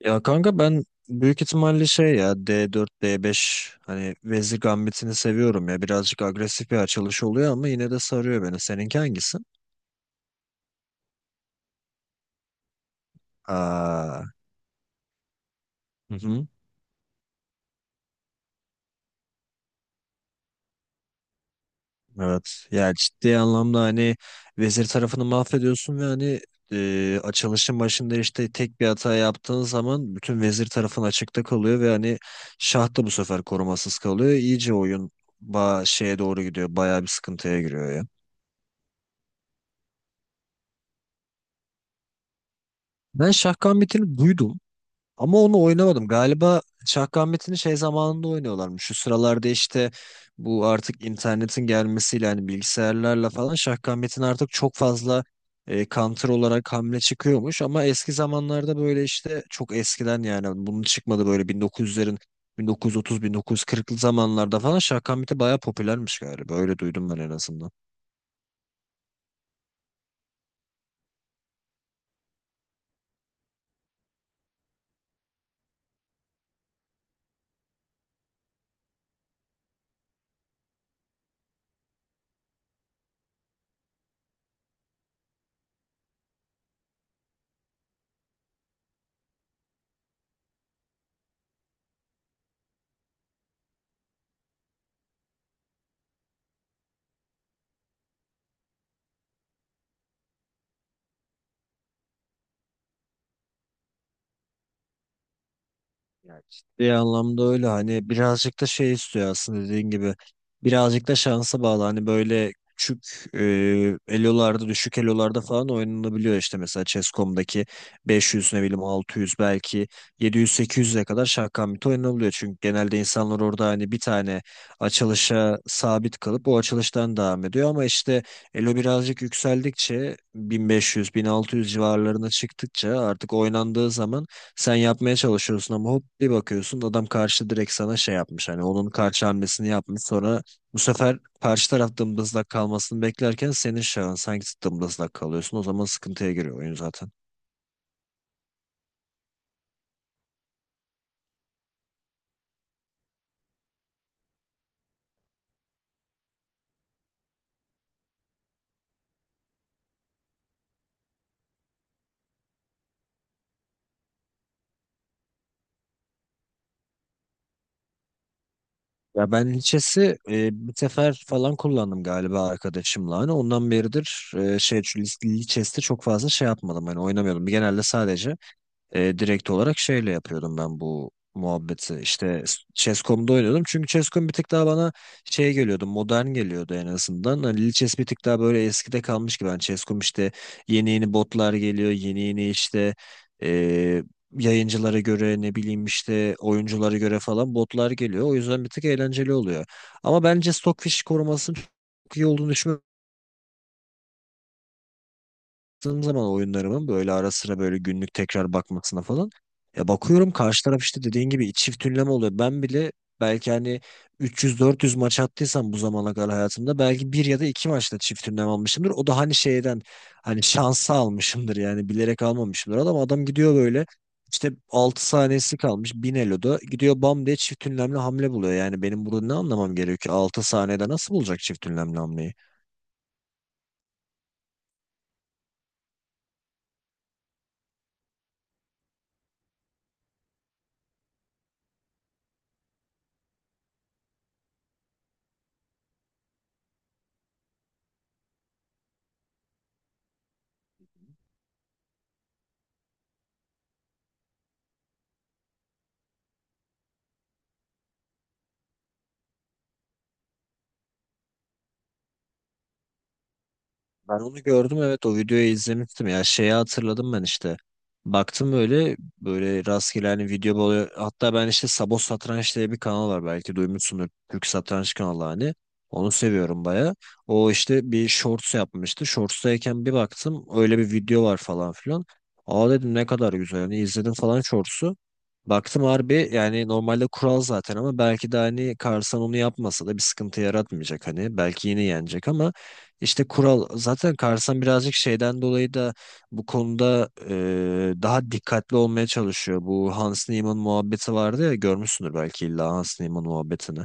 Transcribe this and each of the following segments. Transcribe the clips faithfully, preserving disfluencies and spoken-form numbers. Ya kanka ben büyük ihtimalle şey ya de dört, de beş hani Vezir Gambit'ini seviyorum ya. Birazcık agresif bir açılış oluyor ama yine de sarıyor beni. Seninki hangisi? Aa, hı hı, evet. Ya ciddi anlamda hani Vezir tarafını mahvediyorsun ve hani e, açılışın başında işte tek bir hata yaptığın zaman bütün Vezir tarafın açıkta kalıyor ve hani şah da bu sefer korumasız kalıyor. İyice oyun ba şeye doğru gidiyor. Bayağı bir sıkıntıya giriyor ya. Ben şah gambitini duydum. Ama onu oynamadım. Galiba Şahkamet'ini şey zamanında oynuyorlarmış. Şu sıralarda işte bu artık internetin gelmesiyle hani bilgisayarlarla falan Şahkamet'in artık çok fazla e, counter olarak hamle çıkıyormuş. Ama eski zamanlarda böyle işte çok eskiden yani bunun çıkmadı böyle bin dokuz yüzlerin bin dokuz yüz otuz bin dokuz yüz kırklı zamanlarda falan Şahkamet'i bayağı popülermiş galiba. Öyle duydum ben en azından. Ya ciddi anlamda öyle hani birazcık da şey istiyor aslında dediğin gibi birazcık da şansa bağlı hani böyle küçük e, elolarda düşük elolarda falan oynanabiliyor işte mesela chess nokta com'daki beş yüz ne bileyim altı yüz belki yedi yüzden sekiz yüze kadar şahkamit oynanabiliyor çünkü genelde insanlar orada hani bir tane açılışa sabit kalıp o açılıştan devam ediyor ama işte elo birazcık yükseldikçe bin beş yüz-bin altı yüze civarlarına çıktıkça artık oynandığı zaman sen yapmaya çalışıyorsun ama hop bir bakıyorsun adam karşı direkt sana şey yapmış. Hani onun karşı hamlesini yapmış. Sonra bu sefer karşı taraf dımdızlak kalmasını beklerken senin şahın sanki dımdızlak kalıyorsun. O zaman sıkıntıya giriyor oyun zaten. Ya ben Lichess'i e, bir sefer falan kullandım galiba arkadaşımla. Hani ondan beridir e, şey, şu Lichess'te çok fazla şey yapmadım. Hani oynamıyordum. Genelde sadece E, direkt olarak şeyle yapıyordum ben bu muhabbeti. İşte chess nokta com'da oynuyordum. Çünkü chess nokta com bir tık daha bana şey geliyordu, modern geliyordu en azından. Hani Lil Chess bir tık daha böyle eskide kalmış gibi. Hani chess nokta com işte yeni yeni botlar geliyor, yeni yeni işte e, yayıncılara göre ne bileyim işte oyunculara göre falan botlar geliyor. O yüzden bir tık eğlenceli oluyor. Ama bence Stockfish korumasının çok iyi olduğunu düşünmüyorum, baktığım zaman oyunlarımın böyle ara sıra böyle günlük tekrar bakmasına falan ya bakıyorum karşı taraf işte dediğin gibi çift ünleme oluyor. Ben bile belki hani üç yüz dört yüz maç attıysam bu zamana kadar hayatımda belki bir ya da iki maçta çift ünlem almışımdır. O da hani şeyden hani şansa almışımdır yani bilerek almamışımdır. Adam adam gidiyor böyle işte altı saniyesi kalmış bin eloda gidiyor bam diye çift ünlemli hamle buluyor. Yani benim burada ne anlamam gerekiyor ki altı saniyede nasıl bulacak çift ünlemli hamleyi? Ben onu gördüm, evet, o videoyu izlemiştim ya, şeyi hatırladım ben işte. Baktım böyle böyle rastgele hani video böyle, hatta ben işte Sabo Satranç diye bir kanal var belki duymuşsundur, Türk satranç kanalı hani. Onu seviyorum baya. O işte bir shorts yapmıştı. Shorts'tayken bir baktım öyle bir video var falan filan. Aa dedim ne kadar güzel hani, izledim falan shorts'u. Baktım harbi yani normalde kural zaten, ama belki de hani Karsan onu yapmasa da bir sıkıntı yaratmayacak hani. Belki yine yenecek, ama işte kural zaten, Karsan birazcık şeyden dolayı da bu konuda e, daha dikkatli olmaya çalışıyor. Bu Hans Niemann muhabbeti vardı ya, görmüşsündür belki illa Hans Niemann muhabbetini.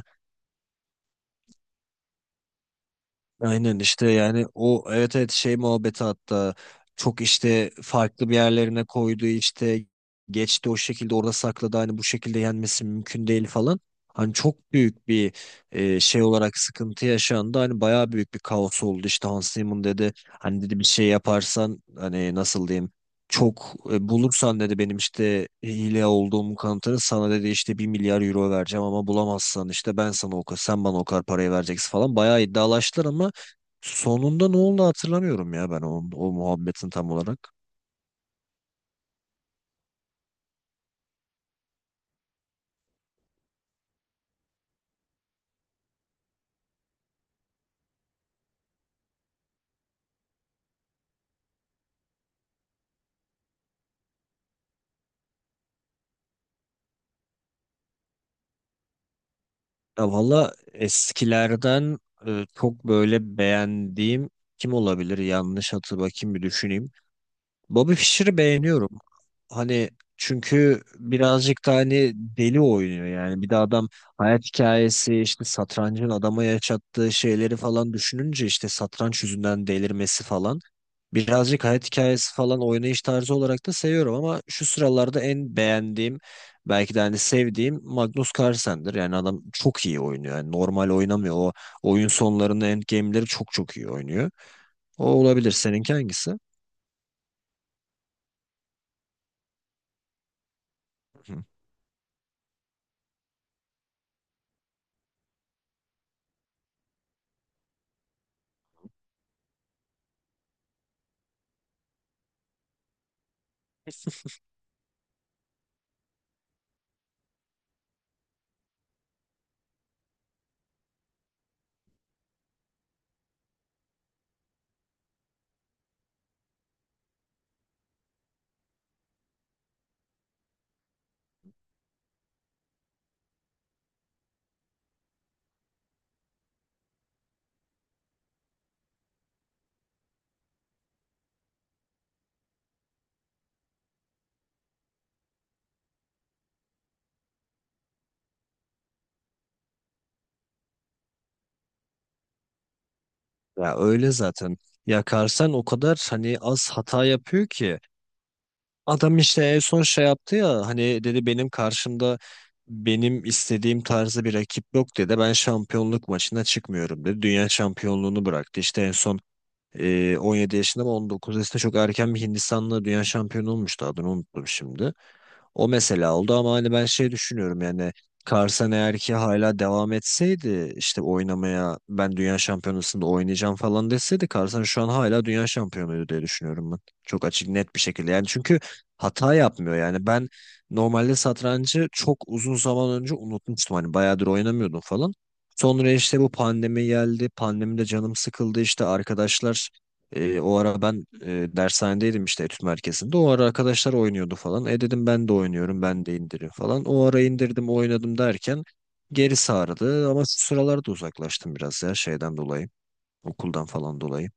Aynen işte yani o, evet evet, şey muhabbeti, hatta çok işte farklı bir yerlerine koydu işte, geçti o şekilde, orada sakladı, hani bu şekilde yenmesi mümkün değil falan. Hani çok büyük bir e, şey olarak sıkıntı yaşandı. Hani bayağı büyük bir kaos oldu, işte Hans Zimmer dedi. Hani dedi bir şey yaparsan hani nasıl diyeyim, çok e, bulursan dedi benim işte hile olduğumu, kanıtını sana dedi işte bir milyar euro vereceğim, ama bulamazsan işte ben sana o kadar, sen bana o kadar parayı vereceksin falan. Bayağı iddialaştılar ama sonunda ne oldu hatırlamıyorum ya ben o, o muhabbetin tam olarak. Ya valla eskilerden e, çok böyle beğendiğim kim olabilir? Yanlış hatı Bakayım bir düşüneyim. Bobby Fischer'ı beğeniyorum. Hani çünkü birazcık da hani deli oynuyor yani. Bir de adam, hayat hikayesi işte satrancın adama yaşattığı şeyleri falan düşününce işte satranç yüzünden delirmesi falan. Birazcık hayat hikayesi falan, oynayış tarzı olarak da seviyorum, ama şu sıralarda en beğendiğim belki de hani sevdiğim Magnus Carlsen'dir. Yani adam çok iyi oynuyor. Yani normal oynamıyor. O oyun sonlarında endgame'leri çok çok iyi oynuyor. O olabilir. Seninki hangisi? Hı. Ya öyle zaten. Ya Carlsen o kadar hani az hata yapıyor ki, adam işte en son şey yaptı ya hani dedi benim karşımda benim istediğim tarzda bir rakip yok dedi. Ben şampiyonluk maçına çıkmıyorum dedi. Dünya şampiyonluğunu bıraktı. İşte en son ee, on yedi yaşında ama on dokuz yaşında çok erken bir Hindistanlı dünya şampiyonu olmuştu, adını unuttum şimdi. O mesela oldu, ama hani ben şey düşünüyorum yani, Carson eğer ki hala devam etseydi işte oynamaya, ben dünya şampiyonasında oynayacağım falan deseydi, Carson şu an hala dünya şampiyonuydu diye düşünüyorum ben. Çok açık net bir şekilde, yani çünkü hata yapmıyor yani. Ben normalde satrancı çok uzun zaman önce unutmuştum, hani bayağıdır oynamıyordum falan. Sonra işte bu pandemi geldi. Pandemide canım sıkıldı, işte arkadaşlar, e, o ara ben e, dershanedeydim işte, etüt merkezinde. O ara arkadaşlar oynuyordu falan. E dedim ben de oynuyorum, ben de indirim falan. O ara indirdim, oynadım derken geri sardı. Ama şu sıralarda uzaklaştım biraz ya şeyden dolayı. Okuldan falan dolayı.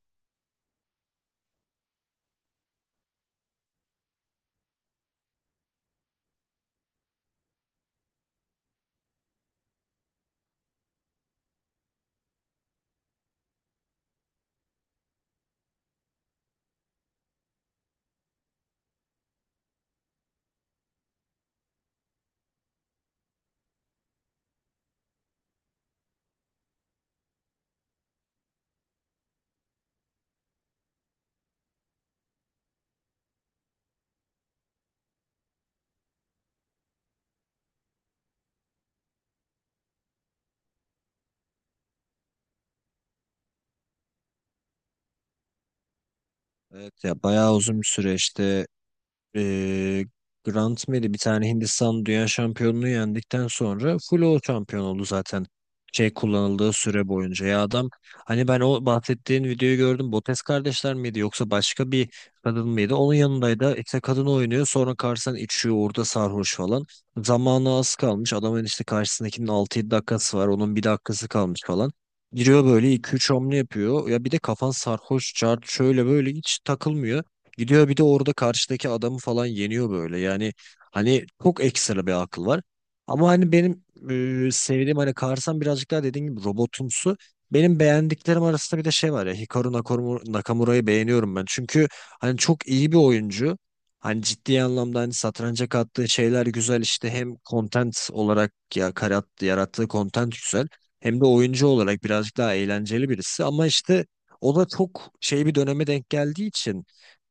Evet ya bayağı uzun bir süreçti. Ee, Grant Mary bir tane, Hindistan dünya şampiyonluğu yendikten sonra full o şampiyon oldu zaten şey kullanıldığı süre boyunca. Ya adam, hani ben o bahsettiğin videoyu gördüm. Botes kardeşler miydi yoksa başka bir kadın mıydı onun yanındaydı? İşte kadın oynuyor, sonra karşısına içiyor orada sarhoş falan. Zamanı az kalmış. Adamın işte karşısındakinin altı yedi dakikası var. Onun bir dakikası kalmış falan. Giriyor böyle iki üç hamle yapıyor. Ya bir de kafan sarhoş, çarp şöyle böyle hiç takılmıyor. Gidiyor bir de orada karşıdaki adamı falan yeniyor böyle. Yani hani çok ekstra bir akıl var. Ama hani benim e, sevdiğim hani Karsan birazcık daha dediğim gibi robotumsu. Benim beğendiklerim arasında bir de şey var ya, Hikaru Nakamura- Nakamura'yı beğeniyorum ben. Çünkü hani çok iyi bir oyuncu. Hani ciddi anlamda hani satranca kattığı şeyler güzel, işte hem content olarak ya karat- yarattığı content güzel, hem de oyuncu olarak birazcık daha eğlenceli birisi, ama işte o da çok şey bir döneme denk geldiği için,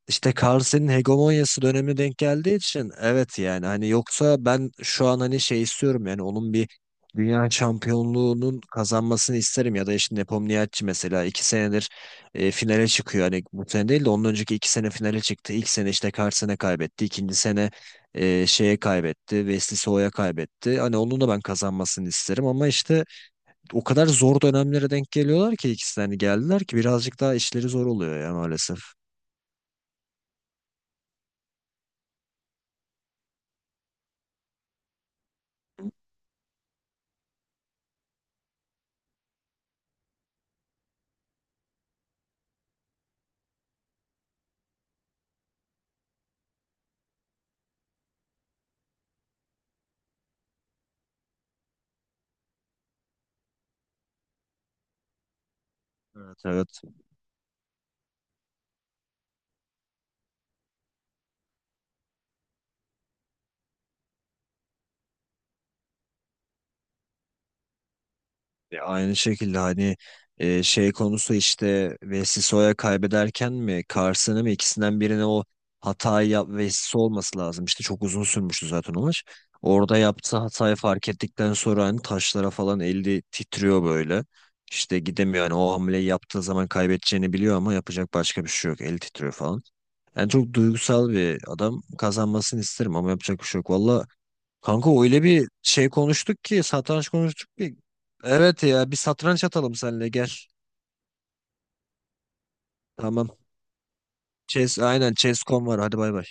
işte Carlsen'in hegemonyası dönemi denk geldiği için, evet yani hani, yoksa ben şu an hani şey istiyorum yani, onun bir dünya şampiyonluğunun kazanmasını isterim, ya da işte Nepomniachtchi mesela iki senedir e, finale çıkıyor, hani bu sene değil de ondan önceki iki sene finale çıktı, ilk sene işte Carlsen'e kaybetti, ikinci sene e, şeye kaybetti, Wesley So'ya kaybetti, hani onun da ben kazanmasını isterim, ama işte o kadar zor dönemlere denk geliyorlar ki ikisi de, hani geldiler ki birazcık daha işleri zor oluyor ya maalesef. Evet evet. Ya aynı şekilde hani e, şey konusu işte Vessisso'ya kaybederken mi Carson'ı mı, ikisinden birine o hatayı yap, Vessiso olması lazım. İşte çok uzun sürmüştü zaten o maç. Orada yaptığı hatayı fark ettikten sonra hani taşlara falan eli titriyor böyle. İşte gidemiyor, hani o hamleyi yaptığı zaman kaybedeceğini biliyor ama yapacak başka bir şey yok. Eli titriyor falan. Yani çok duygusal bir adam, kazanmasını isterim ama yapacak bir şey yok. Valla kanka öyle bir şey konuştuk ki, satranç konuştuk ki. Evet ya bir satranç atalım seninle, gel. Tamam. Chess aynen, chess nokta com var, hadi bay bay.